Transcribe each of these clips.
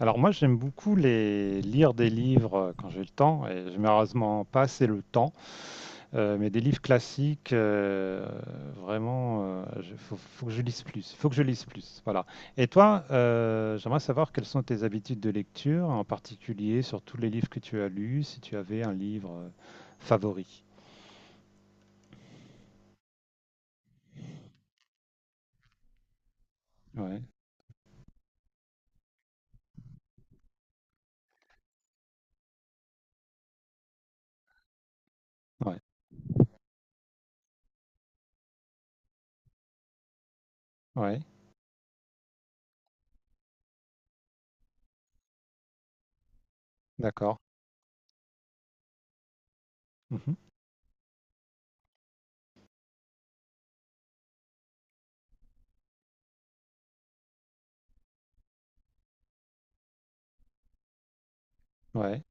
Alors moi j'aime beaucoup les lire des livres quand j'ai le temps et j'ai malheureusement pas assez le temps, mais des livres classiques vraiment il faut, faut que je lise plus, faut que je lise plus, voilà. Et toi, j'aimerais savoir quelles sont tes habitudes de lecture, en particulier sur tous les livres que tu as lus, si tu avais un livre favori. Ouais, ouais, ouais, d'accord. Mhm. Ouais,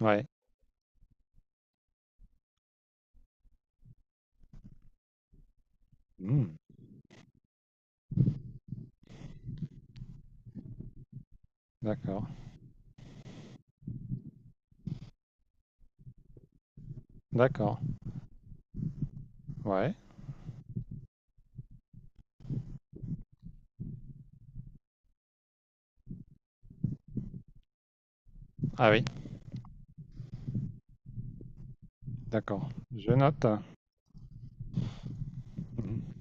ouais. Hmm, d'accord, d'accord. Ouais. Ah oui, d'accord. Je note. Mhm.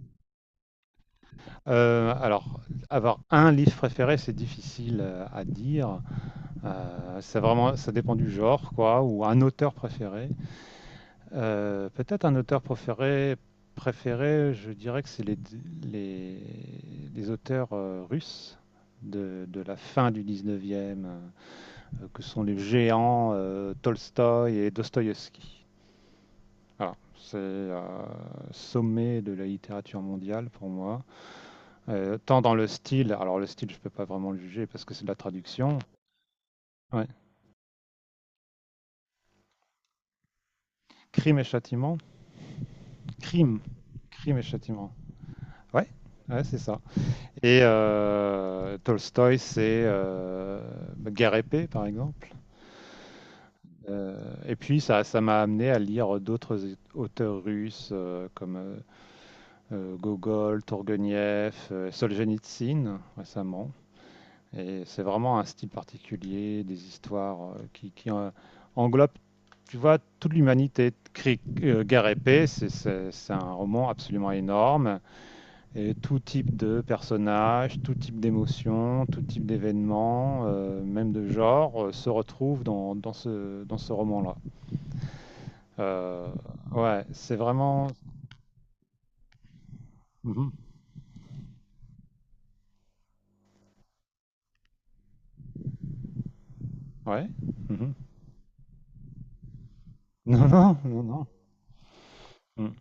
Alors, avoir un livre préféré, c'est difficile à dire. C'est vraiment, ça dépend du genre, quoi, ou un auteur préféré. Peut-être un auteur préféré, préféré, je dirais que c'est les, les auteurs russes de la fin du 19e, que sont les géants Tolstoï et Dostoïevski. Voilà, c'est sommet de la littérature mondiale pour moi. Tant dans le style, alors le style je peux pas vraiment le juger parce que c'est de la traduction. Ouais. Crime et châtiment. Crime. Crime et châtiment. Ouais, ouais c'est ça. Et Tolstoy, c'est Guerre et paix, par exemple. Et puis ça m'a amené à lire d'autres auteurs russes comme Gogol, Tourguenieff, Solzhenitsyn récemment. Et c'est vraiment un style particulier, des histoires qui englobent, tu vois, toute l'humanité. Guerre épée, c'est un roman absolument énorme. Et tout type de personnages, tout type d'émotions, tout type d'événements, même de genre, se retrouvent dans dans ce roman-là. Euh, ouais, c'est vraiment... Mhm. Ouais. Mhm. Non, non, non, non. Mhm.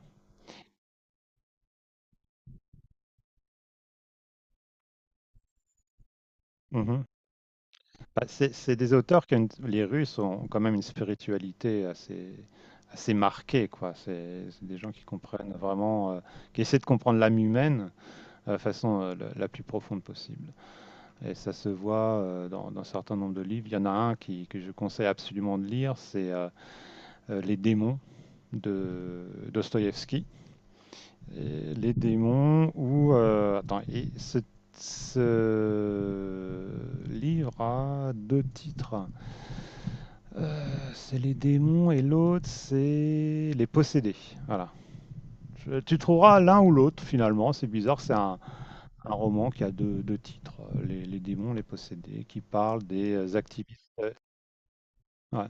Mhm. Bah, c'est des auteurs qui les Russes ont quand même une spiritualité assez, assez marquée, quoi. C'est des gens qui comprennent vraiment, qui essaient de comprendre l'âme humaine de façon la plus profonde possible. Et ça se voit dans un certain nombre de livres. Il y en a un qui, que je conseille absolument de lire, c'est Les démons de Dostoïevski. Et Les démons où... attends, et ce livre a deux titres. C'est les démons et l'autre, c'est les possédés. Voilà. Tu trouveras l'un ou l'autre finalement. C'est bizarre, un roman qui a deux, deux titres. Les démons, les possédés, qui parle des activistes. Ouais,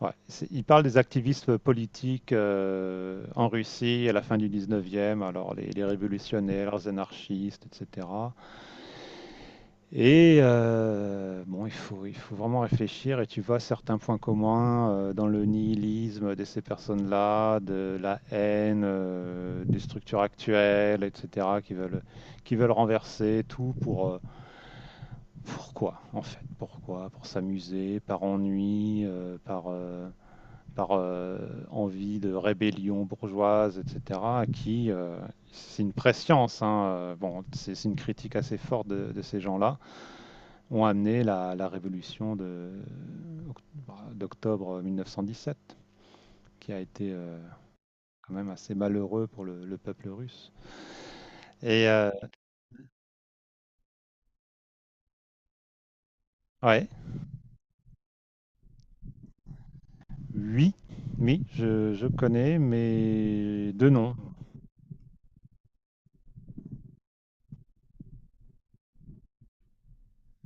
ouais, il parle des activistes politiques en Russie à la fin du 19e, alors les révolutionnaires, les anarchistes, etc. Et bon, il faut vraiment réfléchir et tu vois certains points communs dans le nihilisme de ces personnes-là, de la haine, des structures actuelles, etc., qui veulent renverser tout pour, pourquoi, en fait, pourquoi, pour s'amuser, par ennui, par, par envie de rébellion bourgeoise, etc., qui, euh, c'est une prescience, hein, bon, c'est une critique assez forte de ces gens-là ont amené la révolution d'octobre 1917, qui a été quand même assez malheureux pour le peuple russe. Et ouais, oui, oui, je connais, mais deux noms.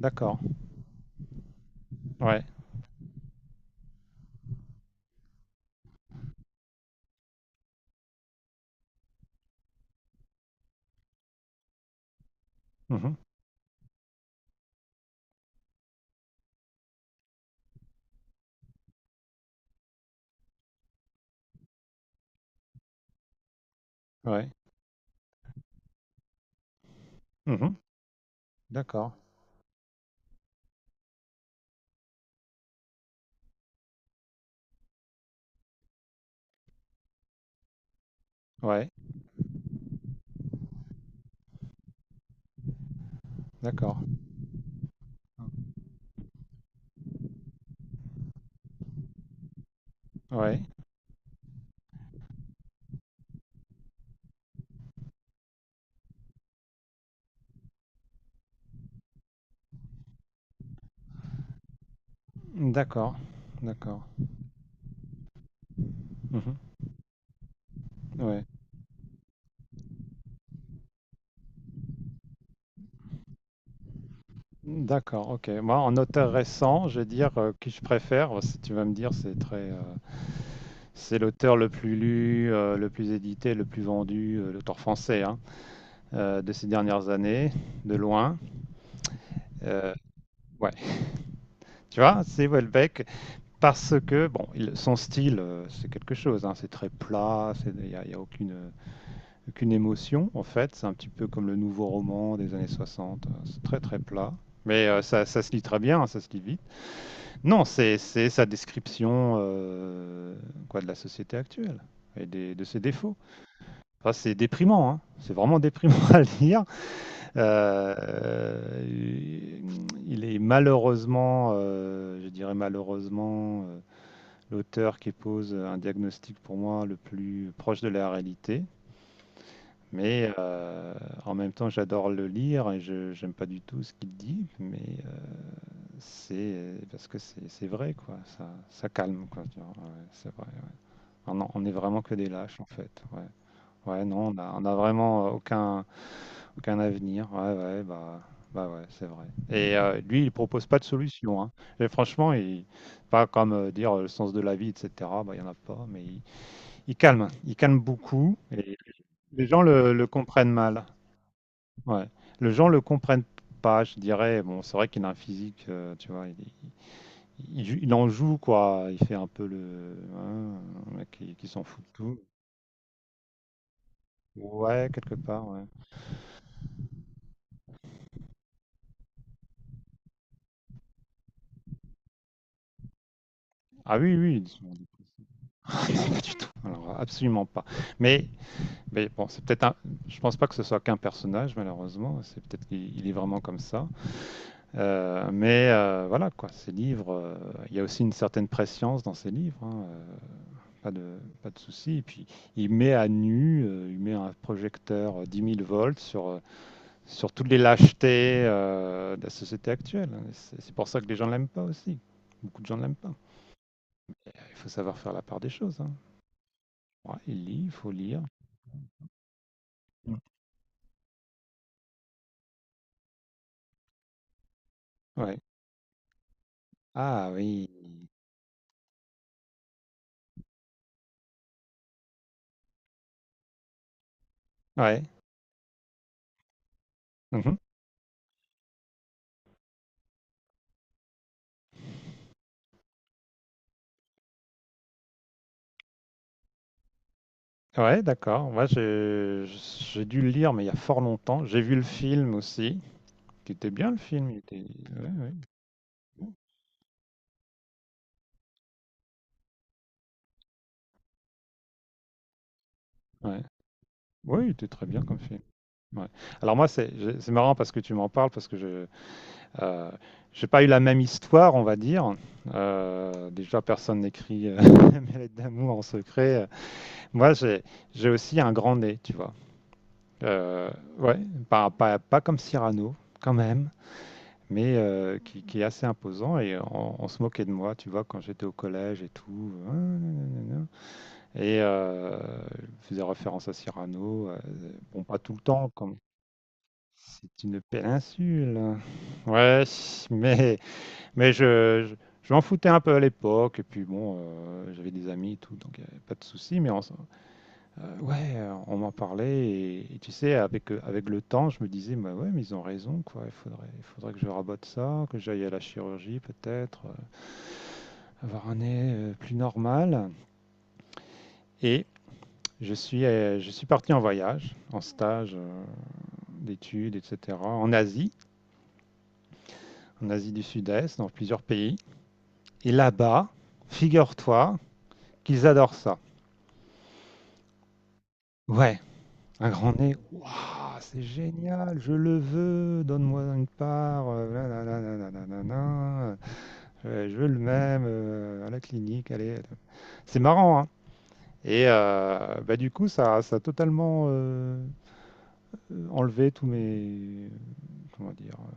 D'accord. Ouais. Mhm, ouais. Mhm, d'accord. Ouais. D'accord. Ouais. D'accord. D'accord. Mhm, ouais. D'accord. Ok. Moi, en auteur récent, je vais dire qui je préfère. Si tu vas me dire, c'est très c'est l'auteur le plus lu, le plus édité, le plus vendu, l'auteur français hein, de ces dernières années, de loin. Euh, ouais, tu vois, c'est Houellebecq parce que bon, son style, c'est quelque chose. Hein, c'est très plat, il y a aucune, aucune émotion en fait. C'est un petit peu comme le nouveau roman des années 60. Euh, c'est très très plat. Mais ça, ça se lit très bien, hein, ça se lit vite. Non, c'est sa description quoi, de la société actuelle de ses défauts. Enfin, c'est déprimant, hein. C'est vraiment déprimant à lire. Euh, il est malheureusement, je dirais malheureusement, l'auteur qui pose un diagnostic pour moi le plus proche de la réalité. Mais en même temps, j'adore le lire et je j'aime pas du tout ce qu'il dit, mais c'est parce que c'est vrai, quoi. Ça calme, quoi. Tu vois. Ouais, c'est vrai, ouais. On est vraiment que des lâches, en fait. Ouais, ouais non, on a vraiment aucun, aucun avenir. Ouais, ouais, bah ouais, c'est vrai. Et lui, il propose pas de solution, hein. Et franchement, pas comme dire le sens de la vie, etc. Bah, il y en a pas, il calme. Il calme beaucoup. Et les gens le comprennent mal. Ouais. Les gens le comprennent pas, je dirais. Bon, c'est vrai qu'il a un physique, tu vois. Il il en joue, quoi. Il fait un peu le, hein, un mec qui s'en fout de tout. Ouais, quelque part, ouais. Ah oui, oui, pas du tout. Alors, absolument pas. Mais Mais bon, c'est peut-être un. Je pense pas que ce soit qu'un personnage, malheureusement. C'est peut-être qu'il il est vraiment comme ça. Mais voilà, quoi. Ces livres, il y a aussi une certaine prescience dans ces livres. Hein, pas de, pas de souci. Et puis, il met à nu, il met un projecteur 10 000 volts sur, sur toutes les lâchetés de la société actuelle. Hein. C'est pour ça que les gens l'aiment pas aussi. Beaucoup de gens ne l'aiment pas. Il faut savoir faire la part des choses. Hein. Ouais, il lit, il faut lire. Ouais. Ah oui. Ouais. Mhm. Ouais, d'accord. Moi, j'ai dû le lire, mais il y a fort longtemps. J'ai vu le film aussi, qui était bien le film. Il était... Ouais, ouais. Ouais. Ouais, il était très bien comme film. Ouais. Alors moi, c'est marrant parce que tu m'en parles, parce que je euh, j'ai pas eu la même histoire, on va dire. Déjà, personne n'écrit mes lettres d'amour en secret. Moi, j'ai aussi un grand nez, tu vois. Euh, ouais, pas comme Cyrano, quand même. Mais qui est assez imposant. Et on se moquait de moi, tu vois, quand j'étais au collège et tout. Ah, nanana. Et je faisais référence à Cyrano. Euh, bon, pas tout le temps, comme c'est une péninsule. Ouais, mais, mais je m'en foutais un peu à l'époque. Et puis bon, j'avais des amis et tout, donc il n'y avait pas de souci. Ouais, on m'en parlait et tu sais, avec, avec le temps, je me disais, bah ouais, mais ils ont raison, quoi. Il faudrait que je rabote ça, que j'aille à la chirurgie peut-être, avoir un nez plus normal. Et je suis parti en voyage, en stage d'études, etc., en Asie du Sud-Est, dans plusieurs pays. Et là-bas, figure-toi qu'ils adorent ça. Ouais, un grand nez, waouh, c'est génial, je le veux, donne-moi une part, nanana, nanana, nanana, je veux le même à la clinique, allez. C'est marrant, hein. Et bah, du coup, ça a totalement enlevé comment dire,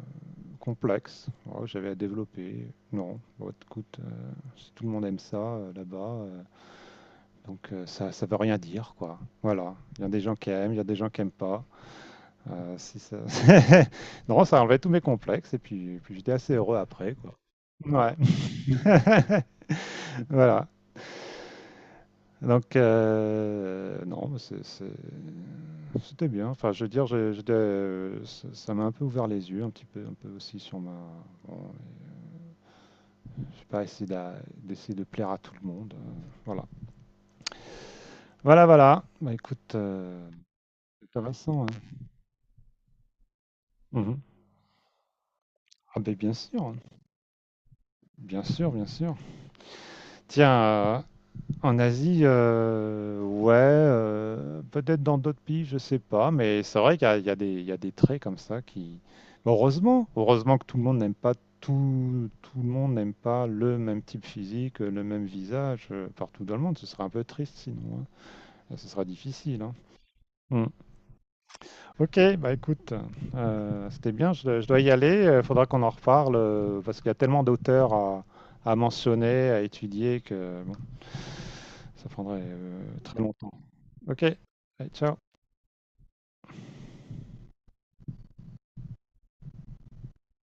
complexes voilà, que j'avais à développer. Non, bon, écoute, si tout le monde aime ça là-bas, donc ça, ça veut rien dire, quoi. Voilà, il y a des gens qui aiment, il y a des gens qui aiment pas. Si ça... non, ça enlevait tous mes complexes et puis, puis j'étais assez heureux après, quoi. Ouais. Voilà. Donc, non, c'était bien. Enfin, je veux dire, j'étais, ça m'a un peu ouvert les yeux, un petit peu, un peu aussi sur ma. Bon, je sais pas, d'essayer de plaire à tout le monde. Euh, voilà. Voilà, voilà. Bah, écoute, c'est intéressant. Hein. Mhm. Ah, ben, bien sûr, hein. Bien sûr, bien sûr. Tiens, en Asie, ouais, peut-être dans d'autres pays, je sais pas, mais c'est vrai qu'il y a des traits comme ça qui mais heureusement, heureusement que tout le monde n'aime pas tout le monde n'aime pas le même type physique, le même visage, partout dans le monde, ce serait un peu triste sinon, hein. Ce sera difficile, hein. Mmh. Ok, bah écoute, c'était bien, dois je dois y aller. Il faudra qu'on en reparle parce qu'il y a tellement d'auteurs à mentionner, à étudier que bon, ça prendrait très longtemps. Ok, allez, ciao.